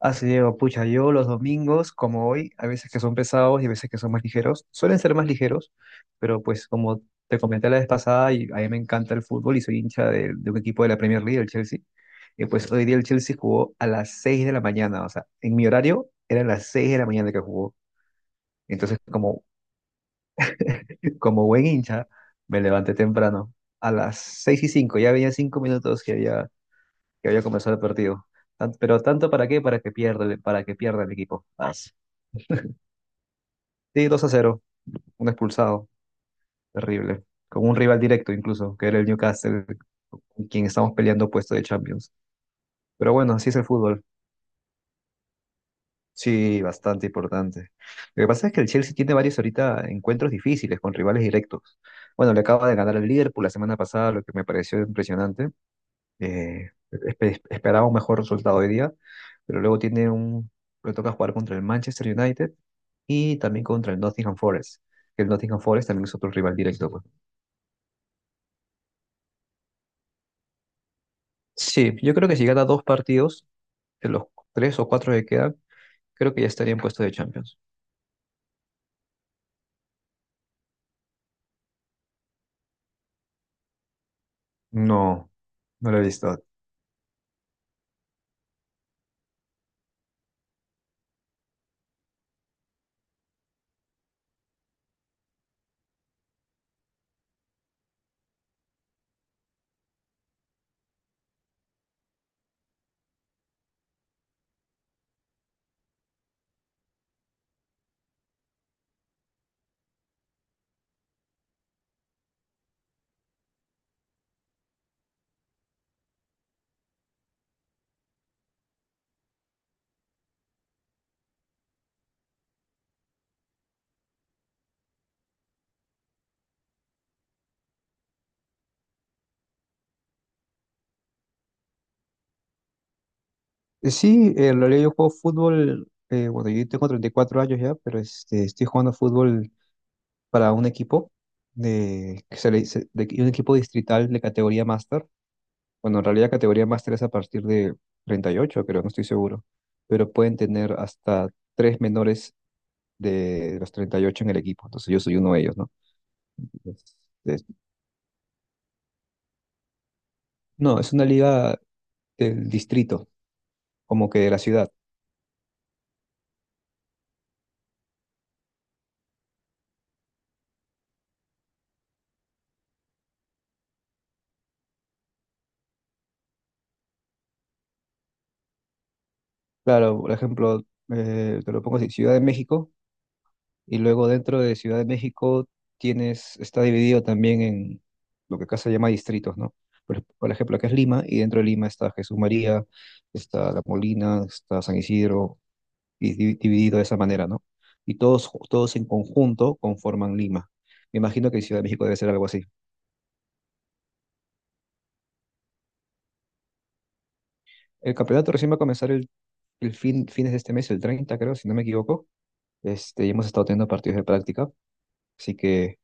Así Diego, pucha, yo los domingos, como hoy, a veces que son pesados y a veces que son más ligeros, suelen ser más ligeros, pero pues como te comenté la vez pasada, y a mí me encanta el fútbol y soy hincha de un equipo de la Premier League, el Chelsea, y pues hoy día el Chelsea jugó a las 6 de la mañana, o sea, en mi horario eran las 6 de la mañana que jugó, entonces como buen hincha me levanté temprano, a las 6:05. Ya había 5 minutos que que había comenzado el partido. Pero tanto para qué, para que pierda, para que pierda el equipo. Ah. Sí, 2-0, un expulsado, terrible. Con un rival directo incluso, que era el Newcastle, con quien estamos peleando puesto de Champions. Pero bueno, así es el fútbol. Sí, bastante importante. Lo que pasa es que el Chelsea tiene varios ahorita encuentros difíciles con rivales directos. Bueno, le acaba de ganar al Liverpool la semana pasada, lo que me pareció impresionante. Esperaba un mejor resultado hoy día, pero luego tiene un... Le toca jugar contra el Manchester United y también contra el Nottingham Forest. El Nottingham Forest también es otro rival directo, pues. Sí, yo creo que si gana dos partidos, de los tres o cuatro que quedan, creo que ya estaría en puesto de Champions. No, no lo he visto. Sí, en realidad yo juego fútbol, bueno, yo tengo 34 años ya, pero estoy jugando fútbol para un equipo, de, que se le dice- de un equipo distrital de categoría máster. Bueno, en realidad categoría máster es a partir de 38, creo, no estoy seguro, pero pueden tener hasta tres menores de los 38 en el equipo, entonces yo soy uno de ellos, ¿no? No, es una liga del distrito, como que de la ciudad. Claro, por ejemplo, te lo pongo así, Ciudad de México, y luego dentro de Ciudad de México tienes, está dividido también en lo que acá se llama distritos, ¿no? Por ejemplo, acá es Lima, y dentro de Lima está Jesús María, está La Molina, está San Isidro, y dividido de esa manera, ¿no? Y todos, todos en conjunto conforman Lima. Me imagino que Ciudad de México debe ser algo así. El campeonato recién va a comenzar fines de este mes, el 30, creo, si no me equivoco. Y hemos estado teniendo partidos de práctica, así que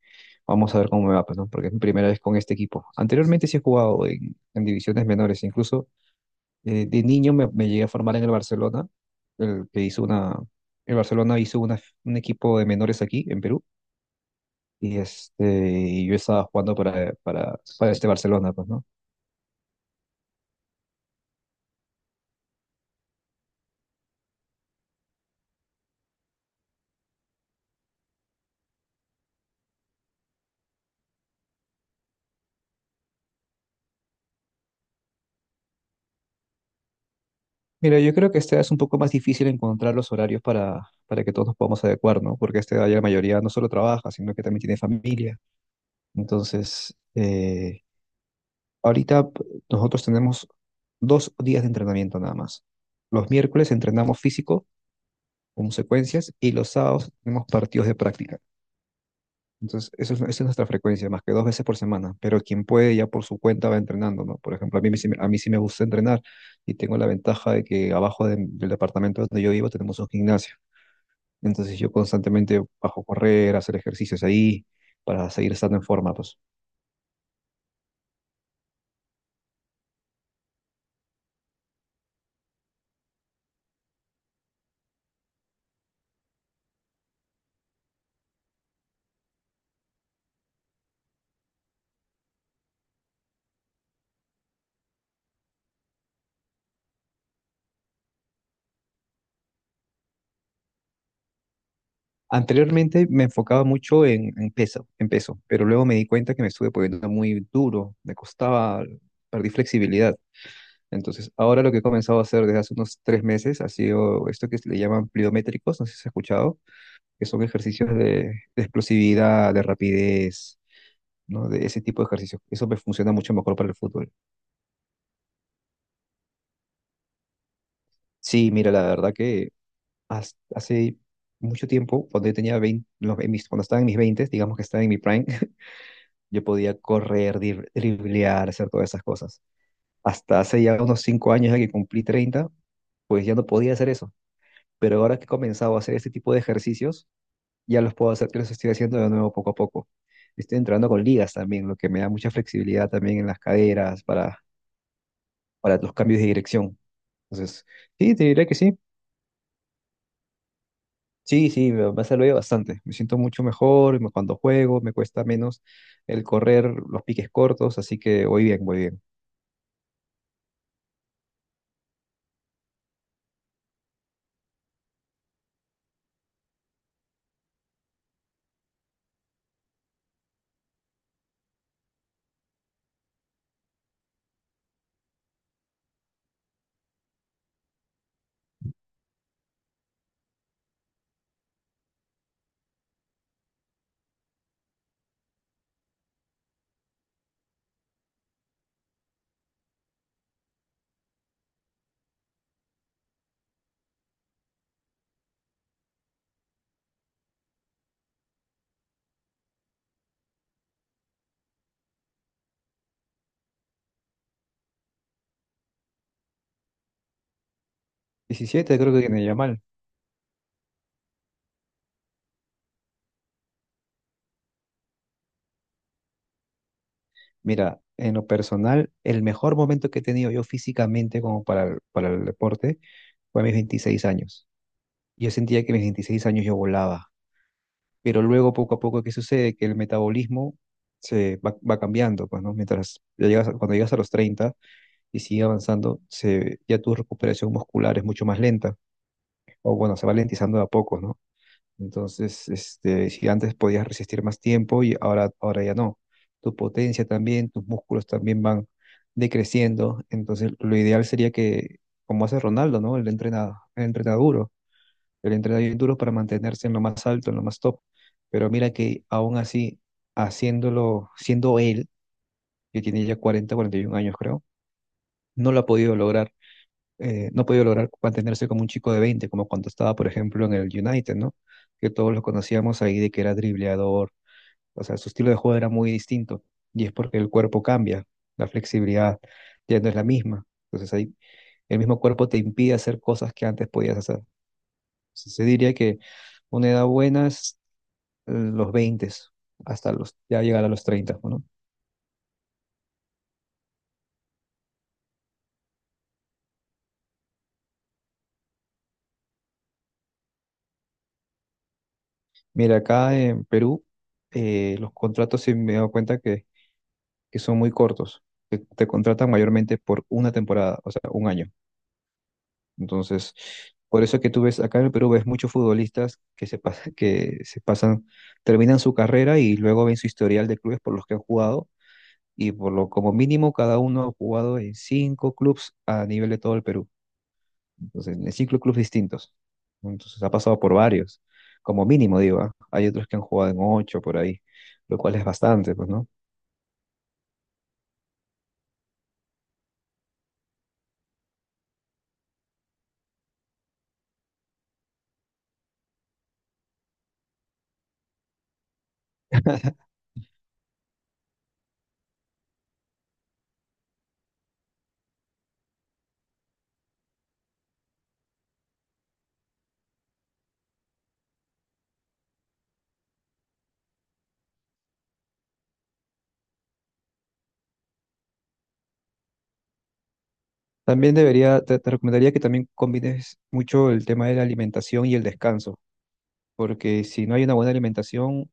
vamos a ver cómo me va, pues, ¿no? Porque es mi primera vez con este equipo. Anteriormente sí he jugado en divisiones menores, incluso de niño me llegué a formar en el Barcelona, el que hizo una, el Barcelona hizo un equipo de menores aquí en Perú, y y yo estaba jugando para este Barcelona, pues, ¿no? Mira, yo creo que este es un poco más difícil encontrar los horarios para que todos nos podamos adecuar, ¿no? Porque ya la mayoría no solo trabaja, sino que también tiene familia. Entonces, ahorita p- nosotros tenemos 2 días de entrenamiento nada más. Los miércoles entrenamos físico con secuencias y los sábados tenemos partidos de práctica. Entonces, esa es nuestra frecuencia, más que 2 veces por semana. Pero quien puede ya por su cuenta va entrenando, ¿no? Por ejemplo, a mí, a mí sí me gusta entrenar y tengo la ventaja de que abajo del departamento donde yo vivo tenemos un gimnasio. Entonces, yo constantemente bajo a correr, a hacer ejercicios ahí para seguir estando en forma, pues. Anteriormente me enfocaba mucho en peso, en peso, pero luego me di cuenta que me estuve poniendo muy duro, me costaba, perdí flexibilidad. Entonces, ahora lo que he comenzado a hacer desde hace unos 3 meses ha sido esto que se le llaman pliométricos, no sé si has escuchado, que son ejercicios de explosividad, de rapidez, ¿no? De ese tipo de ejercicios. Eso me funciona mucho mejor para el fútbol. Sí, mira, la verdad que hace mucho tiempo, cuando yo tenía 20, cuando estaba en mis 20, digamos que estaba en mi prime. Yo podía correr, driblear, hacer todas esas cosas. Hasta hace ya unos 5 años, ya que cumplí 30, pues ya no podía hacer eso. Pero ahora que he comenzado a hacer este tipo de ejercicios, ya los puedo hacer, los estoy haciendo de nuevo poco a poco. Estoy entrando con ligas también, lo que me da mucha flexibilidad también en las caderas para los cambios de dirección. Entonces, sí, te diré que sí. Sí, sí, me ha servido bastante. Me siento mucho mejor cuando juego, me cuesta menos el correr los piques cortos, así que voy bien, voy bien. 17, creo que tiene ya. Mira, en lo personal, el mejor momento que he tenido yo físicamente como para el deporte fue a mis 26 años. Yo sentía que a mis 26 años yo volaba, pero luego poco a poco, ¿qué sucede? Que el metabolismo va cambiando, pues, ¿no? Mientras ya llegas, cuando llegas a los 30 y sigue avanzando, ya tu recuperación muscular es mucho más lenta, o bueno, se va lentizando de a poco, ¿no? Entonces, si antes podías resistir más tiempo y ahora ya no. Tu potencia también, tus músculos también van decreciendo. Entonces, lo ideal sería que, como hace Ronaldo, ¿no? Él entrena duro, él entrena bien duro para mantenerse en lo más alto, en lo más top. Pero mira que aún así, haciéndolo, siendo él, que tiene ya cuarenta y 41 años, creo, no lo ha podido lograr no ha podido lograr mantenerse como un chico de 20 como cuando estaba, por ejemplo, en el United, ¿no? Que todos lo conocíamos ahí de que era dribleador, o sea, su estilo de juego era muy distinto y es porque el cuerpo cambia, la flexibilidad ya no es la misma. Entonces ahí el mismo cuerpo te impide hacer cosas que antes podías hacer. Entonces, se diría que una edad buena es los 20 hasta los, ya llegar a los 30, ¿no? Mira, acá en Perú, los contratos, sí me he dado cuenta que son muy cortos. Te contratan mayormente por una temporada, o sea, un año. Entonces, por eso es que tú ves acá en el Perú, ves muchos futbolistas que se pasan, terminan su carrera y luego ven su historial de clubes por los que han jugado y por lo como mínimo cada uno ha jugado en cinco clubes a nivel de todo el Perú. Entonces, en cinco clubes distintos. Entonces, ha pasado por varios, como mínimo, digo, ¿ah? Hay otros que han jugado en ocho por ahí, lo cual es bastante, pues, ¿no? También debería, te recomendaría que también combines mucho el tema de la alimentación y el descanso, porque si no hay una buena alimentación,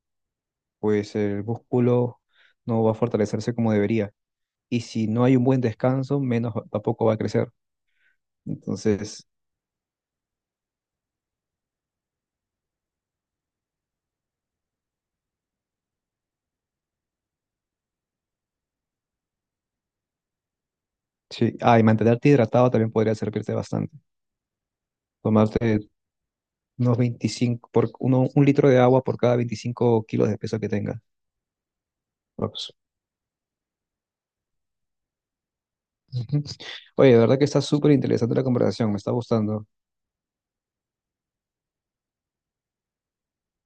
pues el músculo no va a fortalecerse como debería. Y si no hay un buen descanso, menos tampoco va a crecer. Entonces, sí. Ah, y mantenerte hidratado también podría servirte bastante. Tomarte unos un litro de agua por cada 25 kilos de peso que tengas. Ups. Ujú. Oye, de verdad que está súper interesante la conversación, me está gustando.